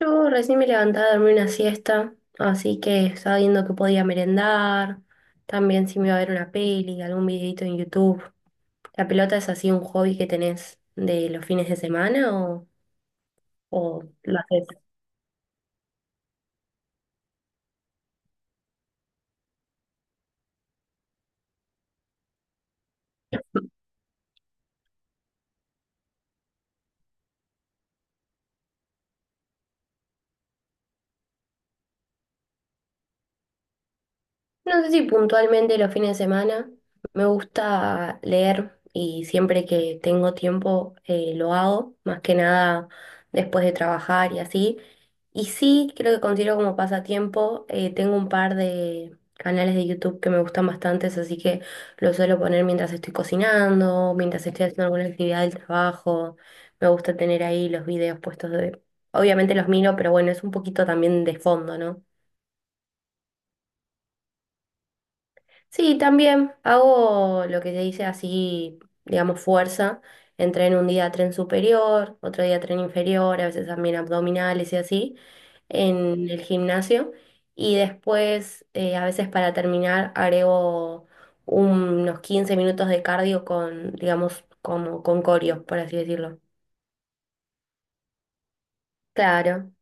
Yo recién me levantaba a dormir una siesta, así que estaba viendo que podía merendar, también si me iba a ver una peli, algún videito en YouTube. ¿La pelota es así un hobby que tenés de los fines de semana o lo haces? No sé si puntualmente los fines de semana. Me gusta leer y siempre que tengo tiempo lo hago, más que nada después de trabajar y así. Y sí, creo que considero como pasatiempo. Tengo un par de canales de YouTube que me gustan bastantes, así que lo suelo poner mientras estoy cocinando, mientras estoy haciendo alguna actividad del trabajo. Me gusta tener ahí los videos puestos. Obviamente los miro, pero bueno, es un poquito también de fondo, ¿no? Sí, también hago lo que se dice así, digamos, fuerza. Entreno un día tren superior, otro día tren inferior, a veces también abdominales y así, en el gimnasio. Y después, a veces para terminar, agrego un- unos 15 minutos de cardio con, digamos, como con coreo, por así decirlo. Claro.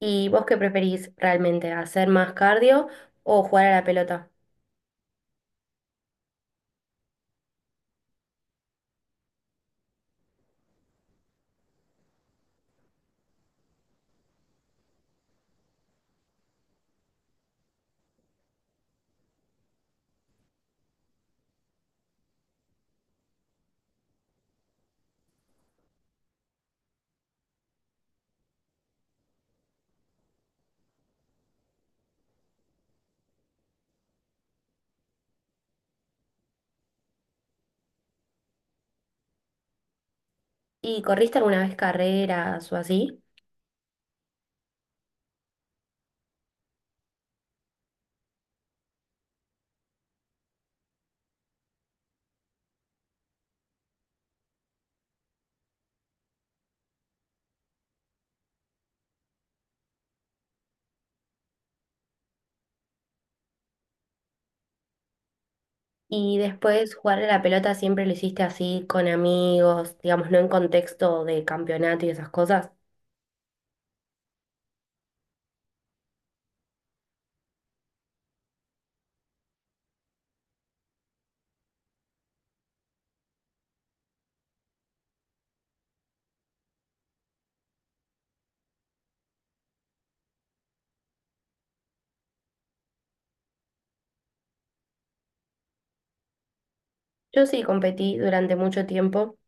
¿Y vos qué preferís realmente, hacer más cardio o jugar a la pelota? ¿Y corriste alguna vez carreras o así? Y después jugar a la pelota siempre lo hiciste así con amigos, digamos, no en contexto de campeonato y esas cosas. Yo sí competí durante mucho tiempo,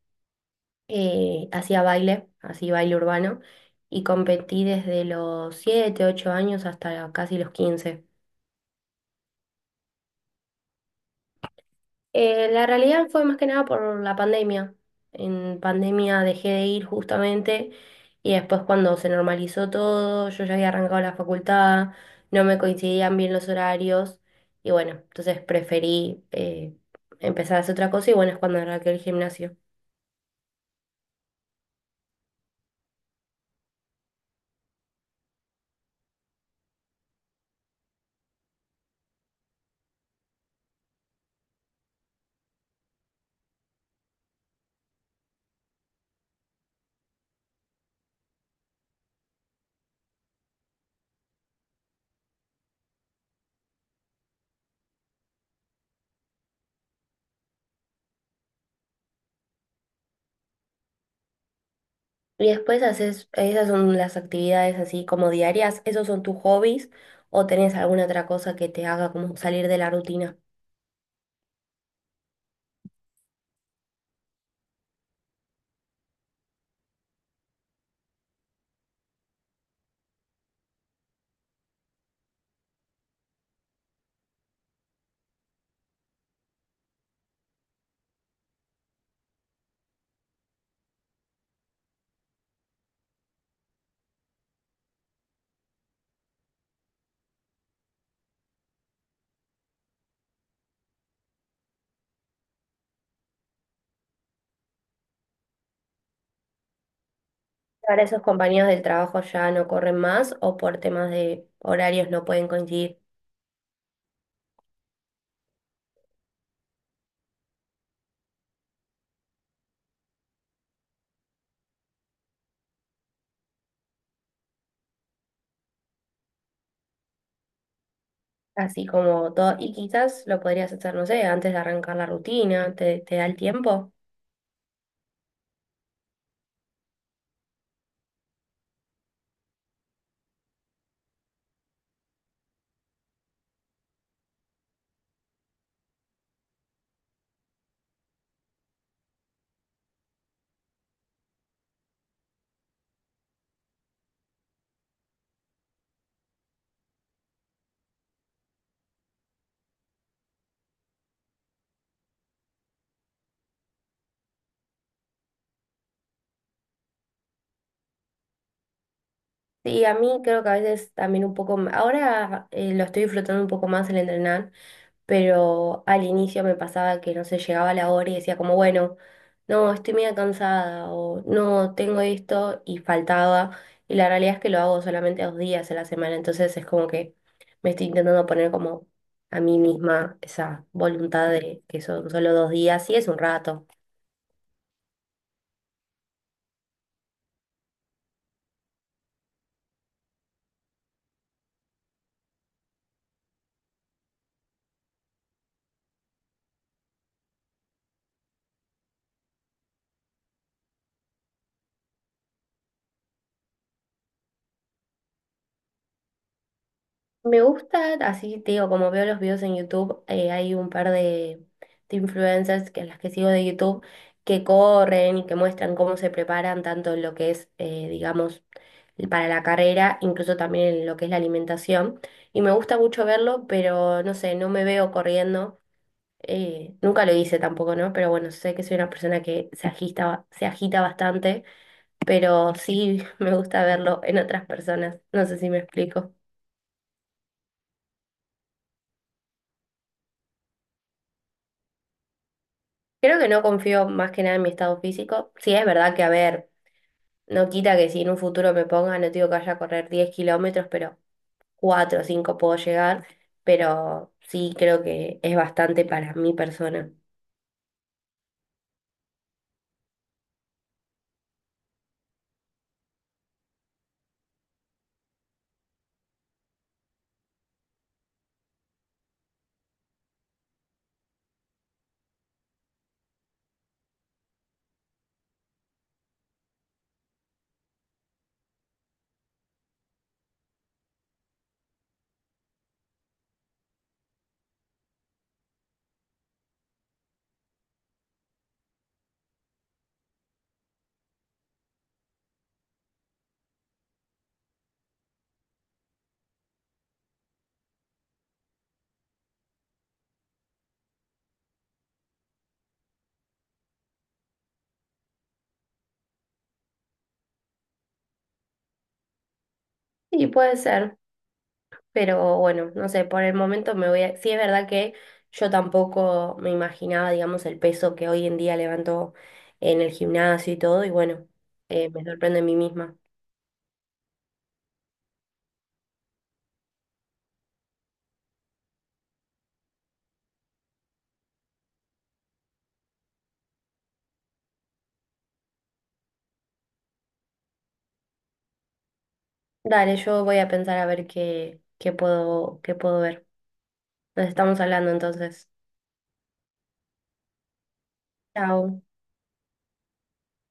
hacía baile, así baile urbano, y competí desde los 7 u 8 años hasta casi los 15. La realidad fue más que nada por la pandemia. En pandemia dejé de ir justamente y después cuando se normalizó todo, yo ya había arrancado la facultad, no me coincidían bien los horarios y bueno, entonces preferí empezar a hacer otra cosa y bueno, es cuando arranqué el gimnasio. Y después haces, esas son las actividades así como diarias, ¿esos son tus hobbies o tenés alguna otra cosa que te haga como salir de la rutina? Ahora esos compañeros del trabajo ya no corren más o por temas de horarios no pueden coincidir así como todo. Y quizás lo podrías hacer, no sé, antes de arrancar la rutina, te da el tiempo. Sí, a mí creo que a veces también un poco, ahora lo estoy disfrutando un poco más el entrenar, pero al inicio me pasaba que no sé, llegaba la hora y decía como, bueno, no, estoy media cansada o no, tengo esto y faltaba. Y la realidad es que lo hago solamente 2 días a la semana, entonces es como que me estoy intentando poner como a mí misma esa voluntad de que son solo 2 días y es un rato. Me gusta, así te digo, como veo los videos en YouTube, hay un par de influencers que las que sigo de YouTube que corren y que muestran cómo se preparan tanto en lo que es, digamos, para la carrera, incluso también en lo que es la alimentación. Y me gusta mucho verlo, pero no sé, no me veo corriendo. Eh, nunca lo hice tampoco, ¿no? Pero bueno, sé que soy una persona que se agita, se agita bastante, pero sí me gusta verlo en otras personas. No sé si me explico. Creo que no confío más que nada en mi estado físico. Sí, es verdad que, a ver, no quita que si en un futuro me ponga, no te digo que vaya a correr 10 kilómetros, pero 4 o 5 puedo llegar, pero sí creo que es bastante para mi persona. Sí, puede ser, pero bueno, no sé, por el momento me voy a... Sí, es verdad que yo tampoco me imaginaba, digamos, el peso que hoy en día levanto en el gimnasio y todo, y bueno, me sorprende a mí misma. Dale, yo voy a pensar a ver qué puedo ver. Nos estamos hablando entonces. Chao.